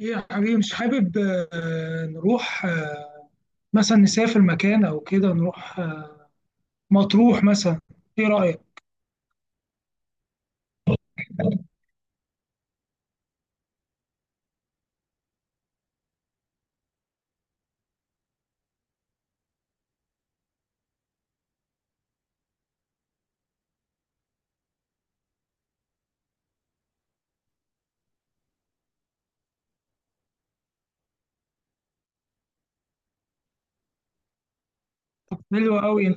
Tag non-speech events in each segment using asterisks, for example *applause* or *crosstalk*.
ايه يا حبيبي، مش حابب نروح مثلا نسافر مكان او كده، نروح مطروح مثلا. ايه رأيك؟ حلوة قوي.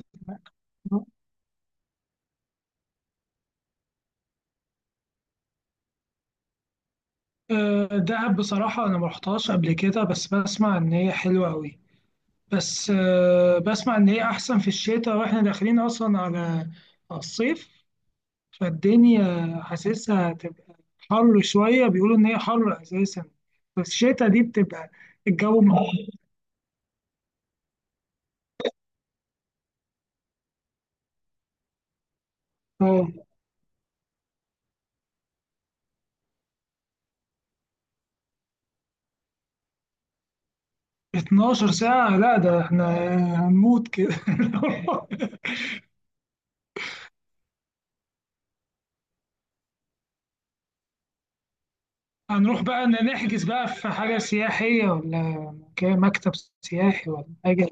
دهب بصراحة انا ما رحتهاش قبل كده، بس بسمع ان هي حلوة قوي. بس بسمع ان هي احسن في الشتاء، واحنا داخلين اصلا على الصيف. فالدنيا حاسسها هتبقى حر شوية. بيقولوا ان هي حر اساسا. بس الشتاء دي بتبقى الجو. اه، 12 ساعة؟ لا ده احنا هنموت كده. *laughs* هنروح بقى نحجز بقى في حاجة سياحية، ولا مكتب سياحي ولا حاجة؟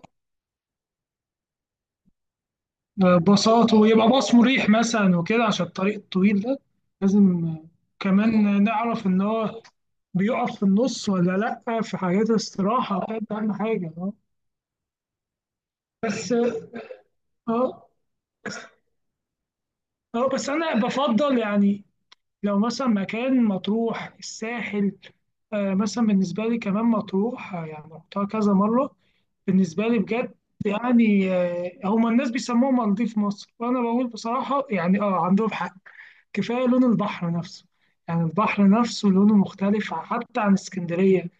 باصات، ويبقى باص مريح مثلا وكده عشان الطريق الطويل ده. لازم كمان نعرف إن هو بيقف في النص ولا لأ، في حاجات استراحة. ده أهم حاجة. اه، بس. اه، اه، بس أنا بفضل يعني، لو مثلا مكان مطروح الساحل، مثلا بالنسبة لي كمان مطروح، يعني رحتها كذا مرة. بالنسبة لي بجد، يعني هما الناس بيسموها مالديف مصر، وأنا بقول بصراحة يعني عندهم حق. كفاية لون البحر نفسه. يعني البحر نفسه لونه مختلف حتى عن اسكندرية،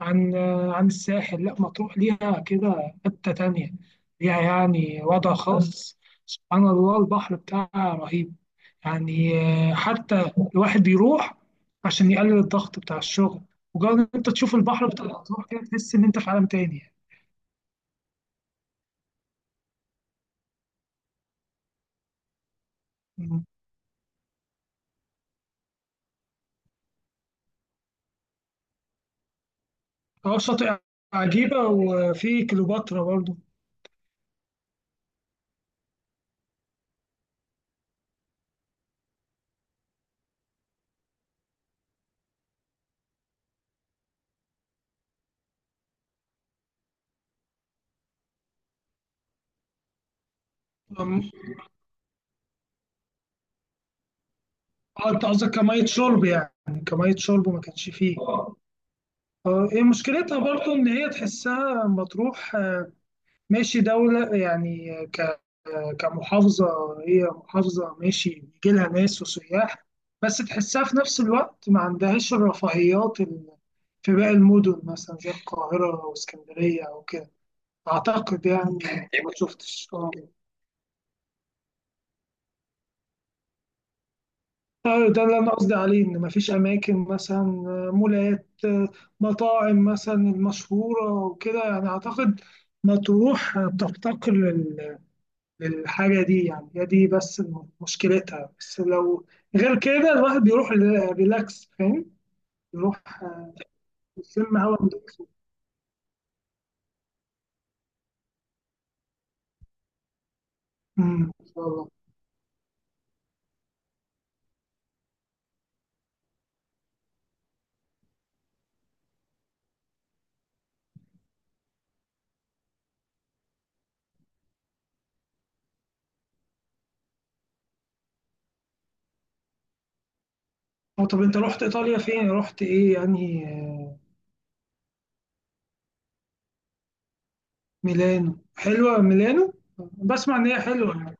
عن الساحل. لا مطروح ليها كده حتة تانية، ليها يعني وضع خاص. سبحان الله، البحر بتاعها رهيب يعني. حتى الواحد بيروح عشان يقلل الضغط بتاع الشغل. مجرد ان انت تشوف البحر بتاع الأطراف كده، تحس ان انت في عالم تاني يعني. مم. اه، شاطئ عجيبة، وفي كليوباترا برضه. أم- اه، انت قصدك كمية شرب، يعني كمية شرب ما كانش فيه. اه، هي مشكلتها برضه ان هي تحسها مطروح، ماشي دولة، يعني كمحافظة. هي محافظة ماشي، بيجي لها ناس وسياح، بس تحسها في نفس الوقت ما عندهاش الرفاهيات في باقي المدن مثلا زي القاهرة واسكندرية أو كده، أعتقد يعني. ما شفتش. ده اللي أنا قصدي عليه، إن مفيش أماكن مثلا مولات، مطاعم مثلا المشهورة وكده، يعني أعتقد مطروح بتفتقر للحاجة دي. يعني هي دي بس مشكلتها. بس لو غير كده الواحد بيروح ريلاكس، فاهم؟ بيروح يشم هوا نضيف. إن شاء الله. طب انت رحت ايطاليا فين، رحت ايه يعني ميلانو؟ حلوة ميلانو. بسمع ان هي حلوة يعني.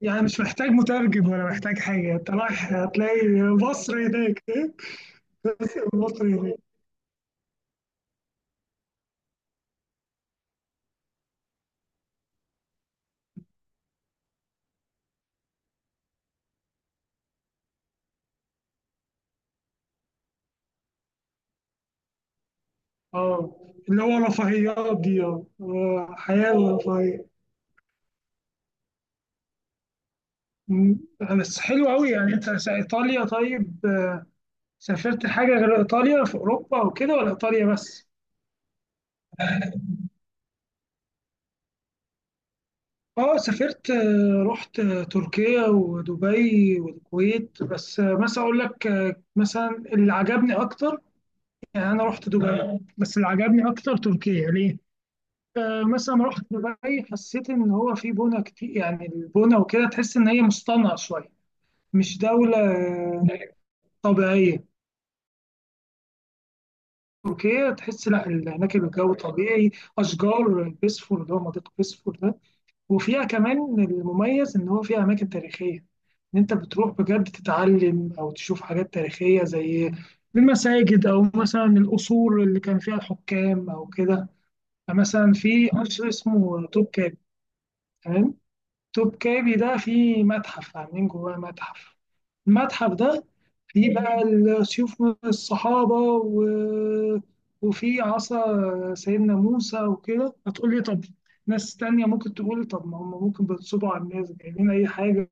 يعني مش محتاج مترجم ولا محتاج حاجة، انت رايح هتلاقي مصر هناك. *laughs* بس مصر هناك. اه، اللي هو رفاهيات دي، اه، حياة رفاهية. مم. بس حلو قوي، يعني انت ايطاليا. طيب، سافرت حاجه غير ايطاليا في اوروبا وكده، ولا ايطاليا بس؟ اه، سافرت رحت تركيا ودبي والكويت. بس مثلا اقول لك مثلا اللي عجبني اكتر، يعني انا رحت دبي، بس اللي عجبني اكتر تركيا. ليه؟ مثلا لما رحت دبي حسيت ان هو في بنا كتير، يعني البنا وكده تحس ان هي مصطنعه شويه، مش دوله طبيعيه. تركيا تحس لا، هناك الجو طبيعي، اشجار بيسفور، اللي هو منطقه بيسفور ده، وفيها كمان المميز ان هو فيها اماكن تاريخيه، ان انت بتروح بجد تتعلم او تشوف حاجات تاريخيه زي المساجد، او مثلا القصور اللي كان فيها الحكام او كده. مثلا في قصر اسمه توبكابي. تمام. توبكابي ده فيه متحف، عاملين جواه متحف. المتحف ده فيه بقى سيوف الصحابة و... وفي عصا سيدنا موسى وكده. هتقول لي طب، ناس تانية ممكن تقول إيه؟ طب ما هم ممكن بينصبوا على الناس، جايبين أي حاجة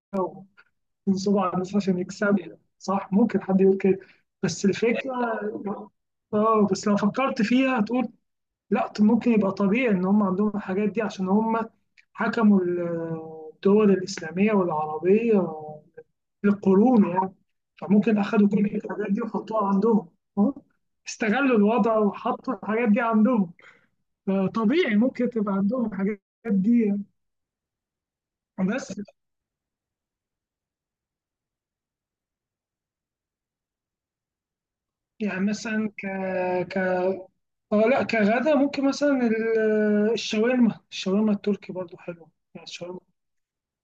وينصبوا على الناس عشان يكسبوا. صح، ممكن حد يقول كده. بس الفكرة، اه، بس لو فكرت فيها هتقول لا. طب ممكن يبقى طبيعي إن هم عندهم الحاجات دي عشان هم حكموا الدول الإسلامية والعربية للقرون يعني. فممكن أخدوا كل الحاجات دي وحطوها عندهم. أه؟ استغلوا الوضع وحطوا الحاجات دي عندهم. طبيعي ممكن تبقى عندهم الحاجات دي. بس يعني مثلا ك ك اه، لا، كغدا ممكن مثلا الشاورما التركي برضو حلوة. يعني الشاورما،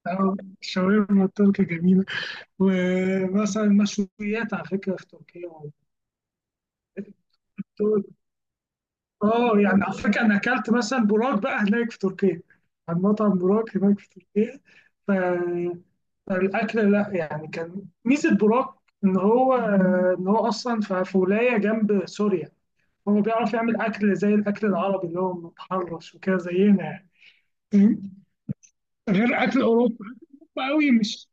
اه، الشاورما التركي جميلة. ومثلا مشويات على فكرة في تركيا. اه، يعني على فكره انا اكلت مثلا براك بقى هناك في تركيا، عند مطعم براك هناك في تركيا. ف... فالاكل، لا يعني، كان ميزه براك ان هو اصلا في ولايه جنب سوريا، هو بيعرف يعمل اكل زي الاكل العربي اللي هو متحرش وكده زينا يعني. فاهم؟ غير اكل اوروبا، اوروبا قوي، مش.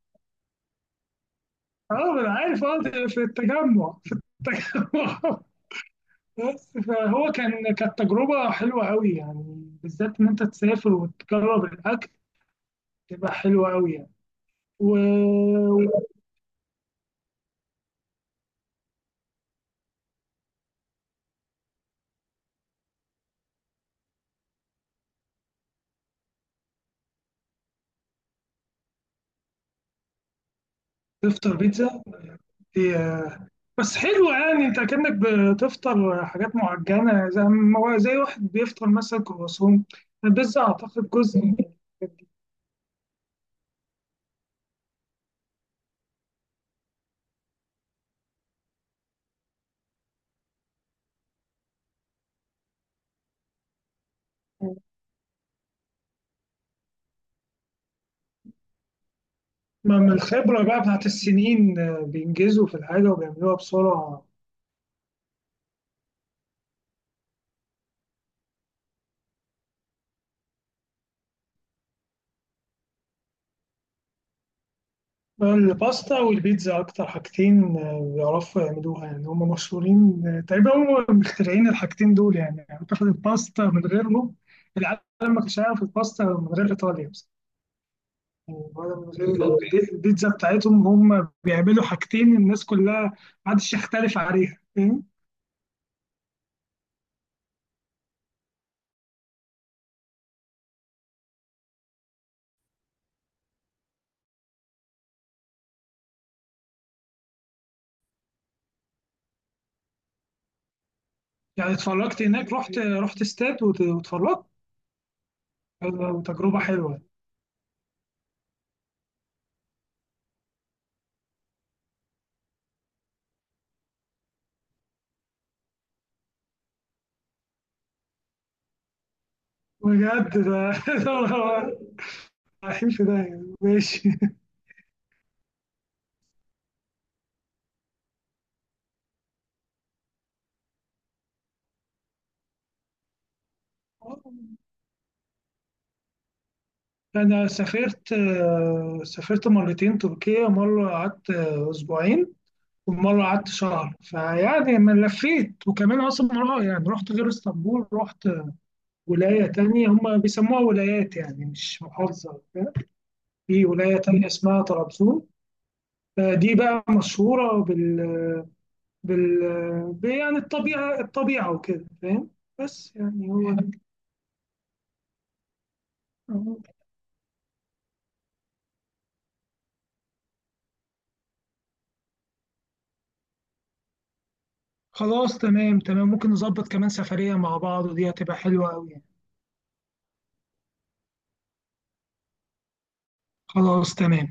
اه، انا عارف، اه، ده في التجمع، التجمع *laughs* بس فهو كان، كانت تجربة حلوة قوي يعني، بالذات إن أنت تسافر وتجرب الأكل تبقى حلوة قوي يعني. و- وتفطر بيتزا؟ دي، بس حلوة، يعني أنت كأنك بتفطر حاجات معجنة، زي زي واحد بيفطر مثلا كرواسون. البيتزا أعتقد جزء من ما من الخبرة بقى بتاعت السنين. بينجزوا في الحاجة وبيعملوها بسرعة. الباستا والبيتزا أكتر حاجتين بيعرفوا يعملوها. يعني هم مشهورين، تقريبا هم مخترعين الحاجتين دول يعني. أعتقد الباستا من غيرهم، العالم ما كانش هيعرف الباستا من غير إيطاليا بس. يعني ولا من غير، بالظبط. البيتزا بتاعتهم، هم بيعملوا حاجتين الناس كلها ما حدش يختلف عليها. فاهم؟ يعني اتفرجت هناك، رحت استاد واتفرجت. وتجربة حلوة بجد. ده *laughs* ماشي. *laughs* أنا سافرت مرتين تركيا، مرة قعدت أسبوعين، ومرة قعدت شهر. فيعني ما لفيت، وكمان أصلا مرة يعني رحت غير اسطنبول، رحت ولاية تانية هم بيسموها ولايات، يعني مش محافظة. في ولاية تانية اسمها طرابزون. دي بقى مشهورة بال يعني الطبيعة وكده فاهم. بس يعني هو- خلاص، تمام تمام، ممكن نظبط كمان سفرية مع بعض، ودي هتبقى حلوة أوي. خلاص، تمام.